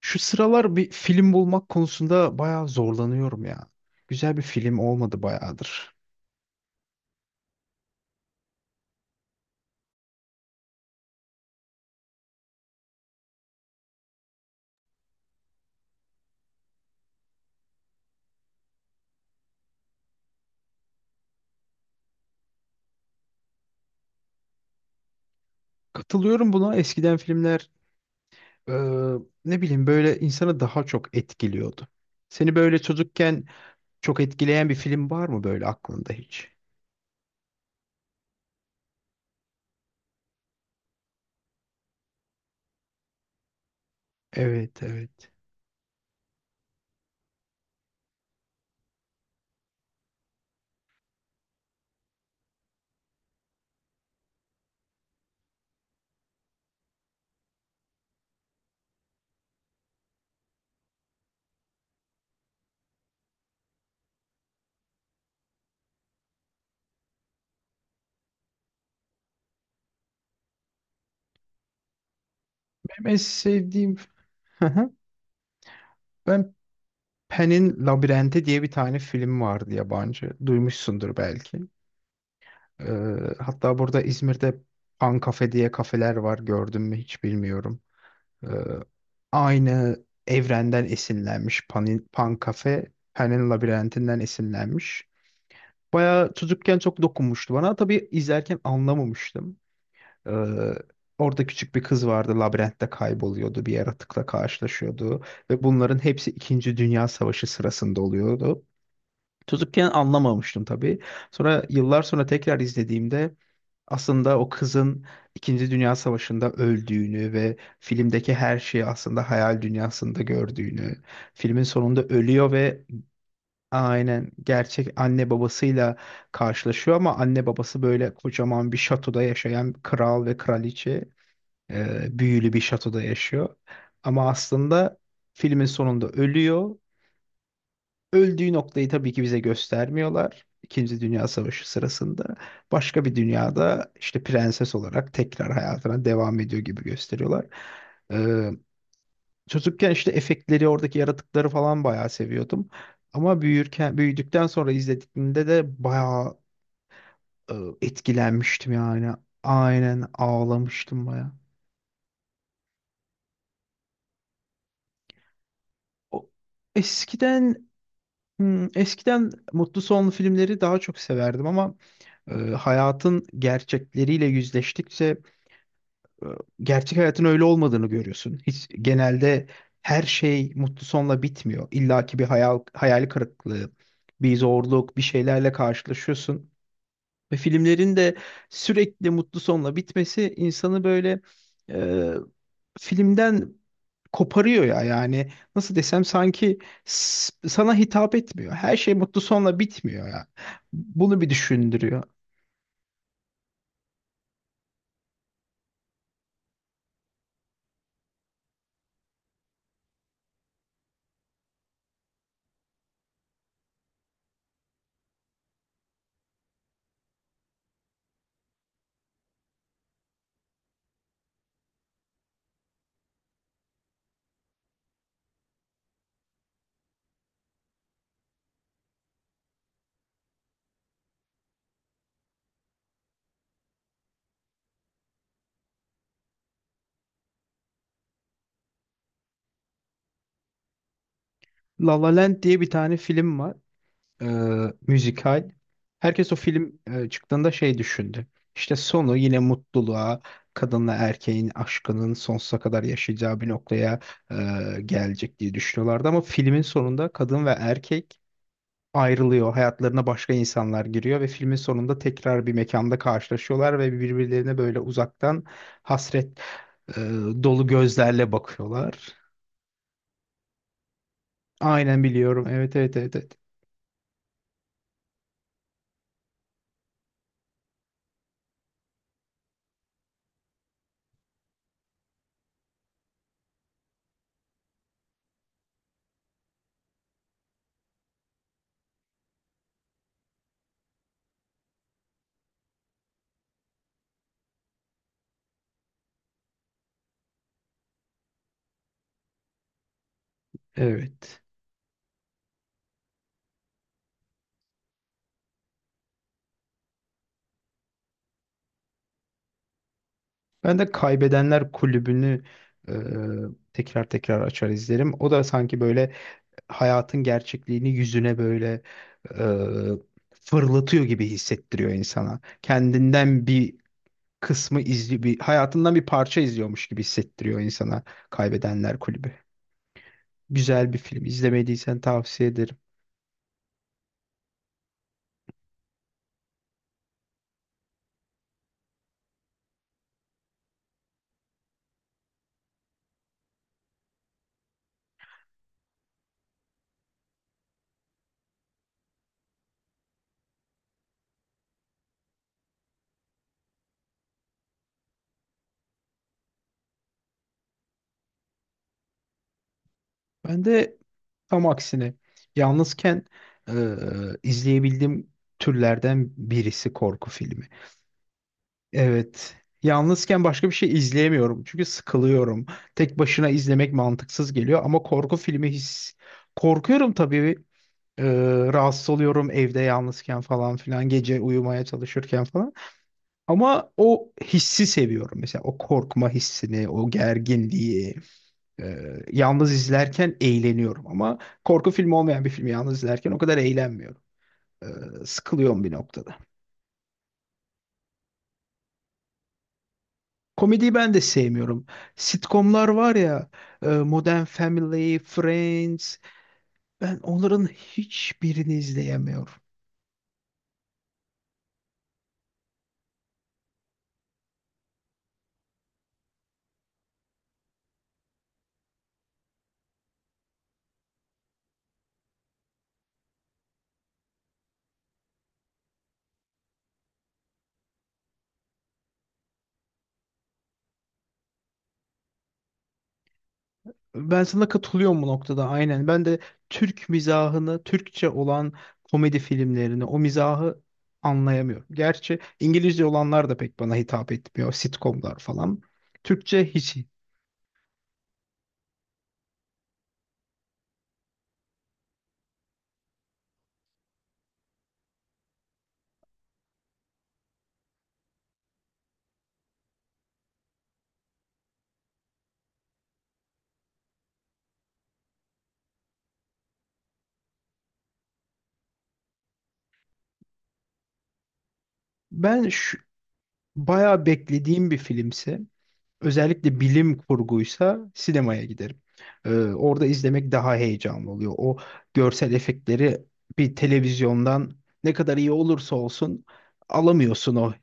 Şu sıralar bir film bulmak konusunda bayağı zorlanıyorum ya. Güzel bir film olmadı bayağıdır. Katılıyorum buna. Eskiden filmler e, ne bileyim böyle insanı daha çok etkiliyordu. Seni böyle çocukken çok etkileyen bir film var mı böyle aklında hiç? Evet, evet. Benim en sevdiğim hı hı, ben Pen'in Labirenti diye bir tane film vardı yabancı. Duymuşsundur belki. E, Hatta burada İzmir'de Pan Cafe diye kafeler var. Gördün mü hiç bilmiyorum. Ee, Aynı evrenden esinlenmiş. Pan, Pan Cafe, Pan'in labirentinden esinlenmiş. Bayağı çocukken çok dokunmuştu bana. Tabii izlerken anlamamıştım. Ee, Orada küçük bir kız vardı. Labirentte kayboluyordu. Bir yaratıkla karşılaşıyordu. Ve bunların hepsi İkinci Dünya Savaşı sırasında oluyordu. Çocukken anlamamıştım tabii. Sonra yıllar sonra tekrar izlediğimde aslında o kızın İkinci Dünya Savaşı'nda öldüğünü ve filmdeki her şeyi aslında hayal dünyasında gördüğünü, filmin sonunda ölüyor ve aynen gerçek anne babasıyla karşılaşıyor ama anne babası böyle kocaman bir şatoda yaşayan kral ve kraliçe, büyülü bir şatoda yaşıyor. Ama aslında filmin sonunda ölüyor. Öldüğü noktayı tabii ki bize göstermiyorlar. İkinci Dünya Savaşı sırasında başka bir dünyada işte prenses olarak tekrar hayatına devam ediyor gibi gösteriyorlar. Ee, Çocukken işte efektleri, oradaki yaratıkları falan bayağı seviyordum. Ama büyürken, büyüdükten sonra izlediğimde de bayağı e, etkilenmiştim yani. Aynen ağlamıştım bayağı. O- Eskiden eskiden mutlu sonlu filmleri daha çok severdim ama hayatın gerçekleriyle yüzleştikçe e, gerçek hayatın öyle olmadığını görüyorsun. Hiç genelde her şey mutlu sonla bitmiyor. İlla ki bir hayal, hayal kırıklığı, bir zorluk, bir şeylerle karşılaşıyorsun. Ve filmlerin de sürekli mutlu sonla bitmesi insanı böyle e, filmden koparıyor ya, yani nasıl desem sanki sana hitap etmiyor. Her şey mutlu sonla bitmiyor ya. Bunu bir düşündürüyor. La La Land diye bir tane film var. E, Müzikal. Herkes o film çıktığında şey düşündü. İşte sonu yine mutluluğa, kadınla erkeğin aşkının sonsuza kadar yaşayacağı bir noktaya e, gelecek diye düşünüyorlardı. Ama filmin sonunda kadın ve erkek ayrılıyor. Hayatlarına başka insanlar giriyor ve filmin sonunda tekrar bir mekanda karşılaşıyorlar ve birbirlerine böyle uzaktan hasret e, dolu gözlerle bakıyorlar. Aynen biliyorum. Evet, evet, evet, evet. Evet. Ben de Kaybedenler Kulübü'nü e, tekrar tekrar açar izlerim. O da sanki böyle hayatın gerçekliğini yüzüne böyle fırlatıyor gibi hissettiriyor insana. Kendinden bir kısmı izli bir hayatından bir parça izliyormuş gibi hissettiriyor insana Kaybedenler Kulübü. Güzel bir film. İzlemediysen tavsiye ederim. Ben de tam aksine yalnızken e, izleyebildiğim türlerden birisi korku filmi. Evet. Yalnızken başka bir şey izleyemiyorum çünkü sıkılıyorum. Tek başına izlemek mantıksız geliyor ama korku filmi korkuyorum tabii. E, Rahatsız oluyorum evde yalnızken falan filan gece uyumaya çalışırken falan. Ama o hissi seviyorum, mesela o korkma hissini, o gerginliği. Yalnız izlerken eğleniyorum ama korku filmi olmayan bir filmi yalnız izlerken o kadar eğlenmiyorum. Ee, Sıkılıyorum bir noktada. Komediyi ben de sevmiyorum. Sitcomlar var ya, Modern Family, Friends. Ben onların hiçbirini izleyemiyorum. Ben sana katılıyorum bu noktada, aynen. Ben de Türk mizahını, Türkçe olan komedi filmlerini, o mizahı anlayamıyorum. Gerçi İngilizce olanlar da pek bana hitap etmiyor. Sitcomlar falan. Türkçe hiç. Ben şu, bayağı beklediğim bir filmsi. Özellikle bilim kurguysa sinemaya giderim. Orada izlemek daha heyecanlı oluyor. O görsel efektleri bir televizyondan ne kadar iyi olursa olsun alamıyorsun o.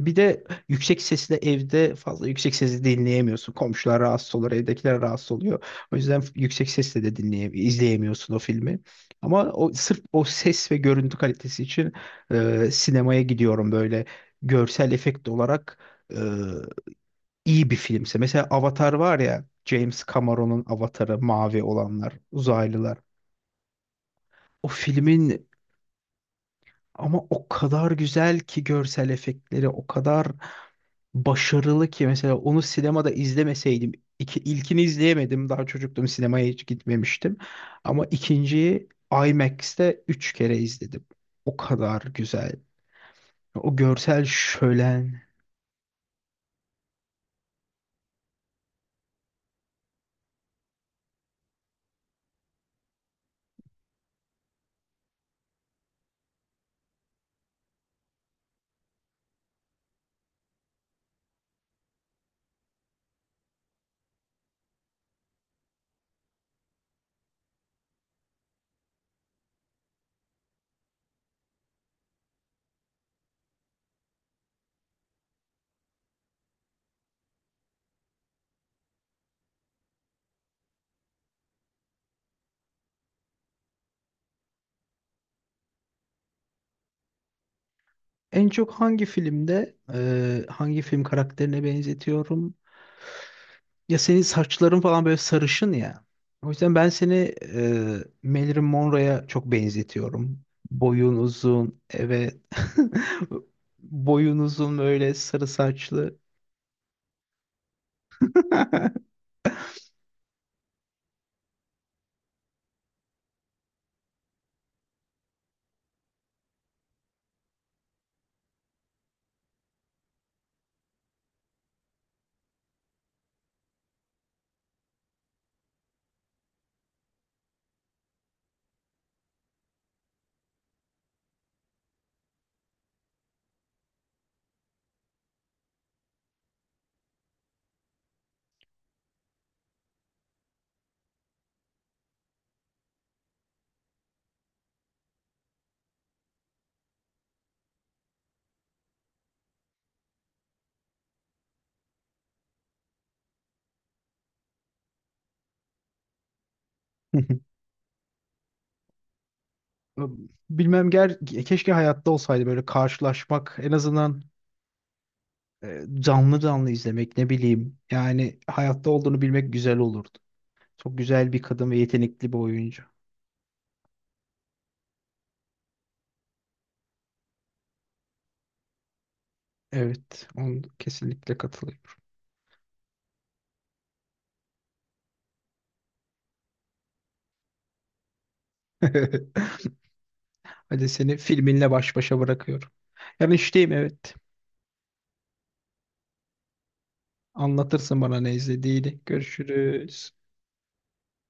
Bir de yüksek sesle evde fazla yüksek sesle dinleyemiyorsun. Komşular rahatsız olur, evdekiler rahatsız oluyor. O yüzden yüksek sesle de izleyemiyorsun o filmi. Ama o sırf o ses ve görüntü kalitesi için sinemaya gidiyorum, böyle görsel efekt olarak E, iyi bir filmse. Mesela Avatar var ya, James Cameron'un Avatar'ı, mavi olanlar, uzaylılar. O filmin ama o kadar güzel ki, görsel efektleri o kadar başarılı ki, mesela onu sinemada izlemeseydim ilkini izleyemedim, daha çocuktum, sinemaya hiç gitmemiştim, ama ikinciyi IMAX'te üç kere izledim. O kadar güzel. O görsel şölen. En çok hangi filmde hangi film karakterine benzetiyorum? Ya senin saçların falan böyle sarışın ya. O yüzden ben seni Marilyn Monroe'ya çok benzetiyorum. Boyun uzun, evet. Boyun uzun, böyle sarı saçlı. Bilmem ger keşke hayatta olsaydı, böyle karşılaşmak en azından, canlı canlı izlemek, ne bileyim. Yani hayatta olduğunu bilmek güzel olurdu. Çok güzel bir kadın ve yetenekli bir oyuncu. Evet, onu kesinlikle katılıyorum. Hadi seni filminle baş başa bırakıyorum. Yarın işteyim, evet. Anlatırsın bana ne izlediğini. Görüşürüz.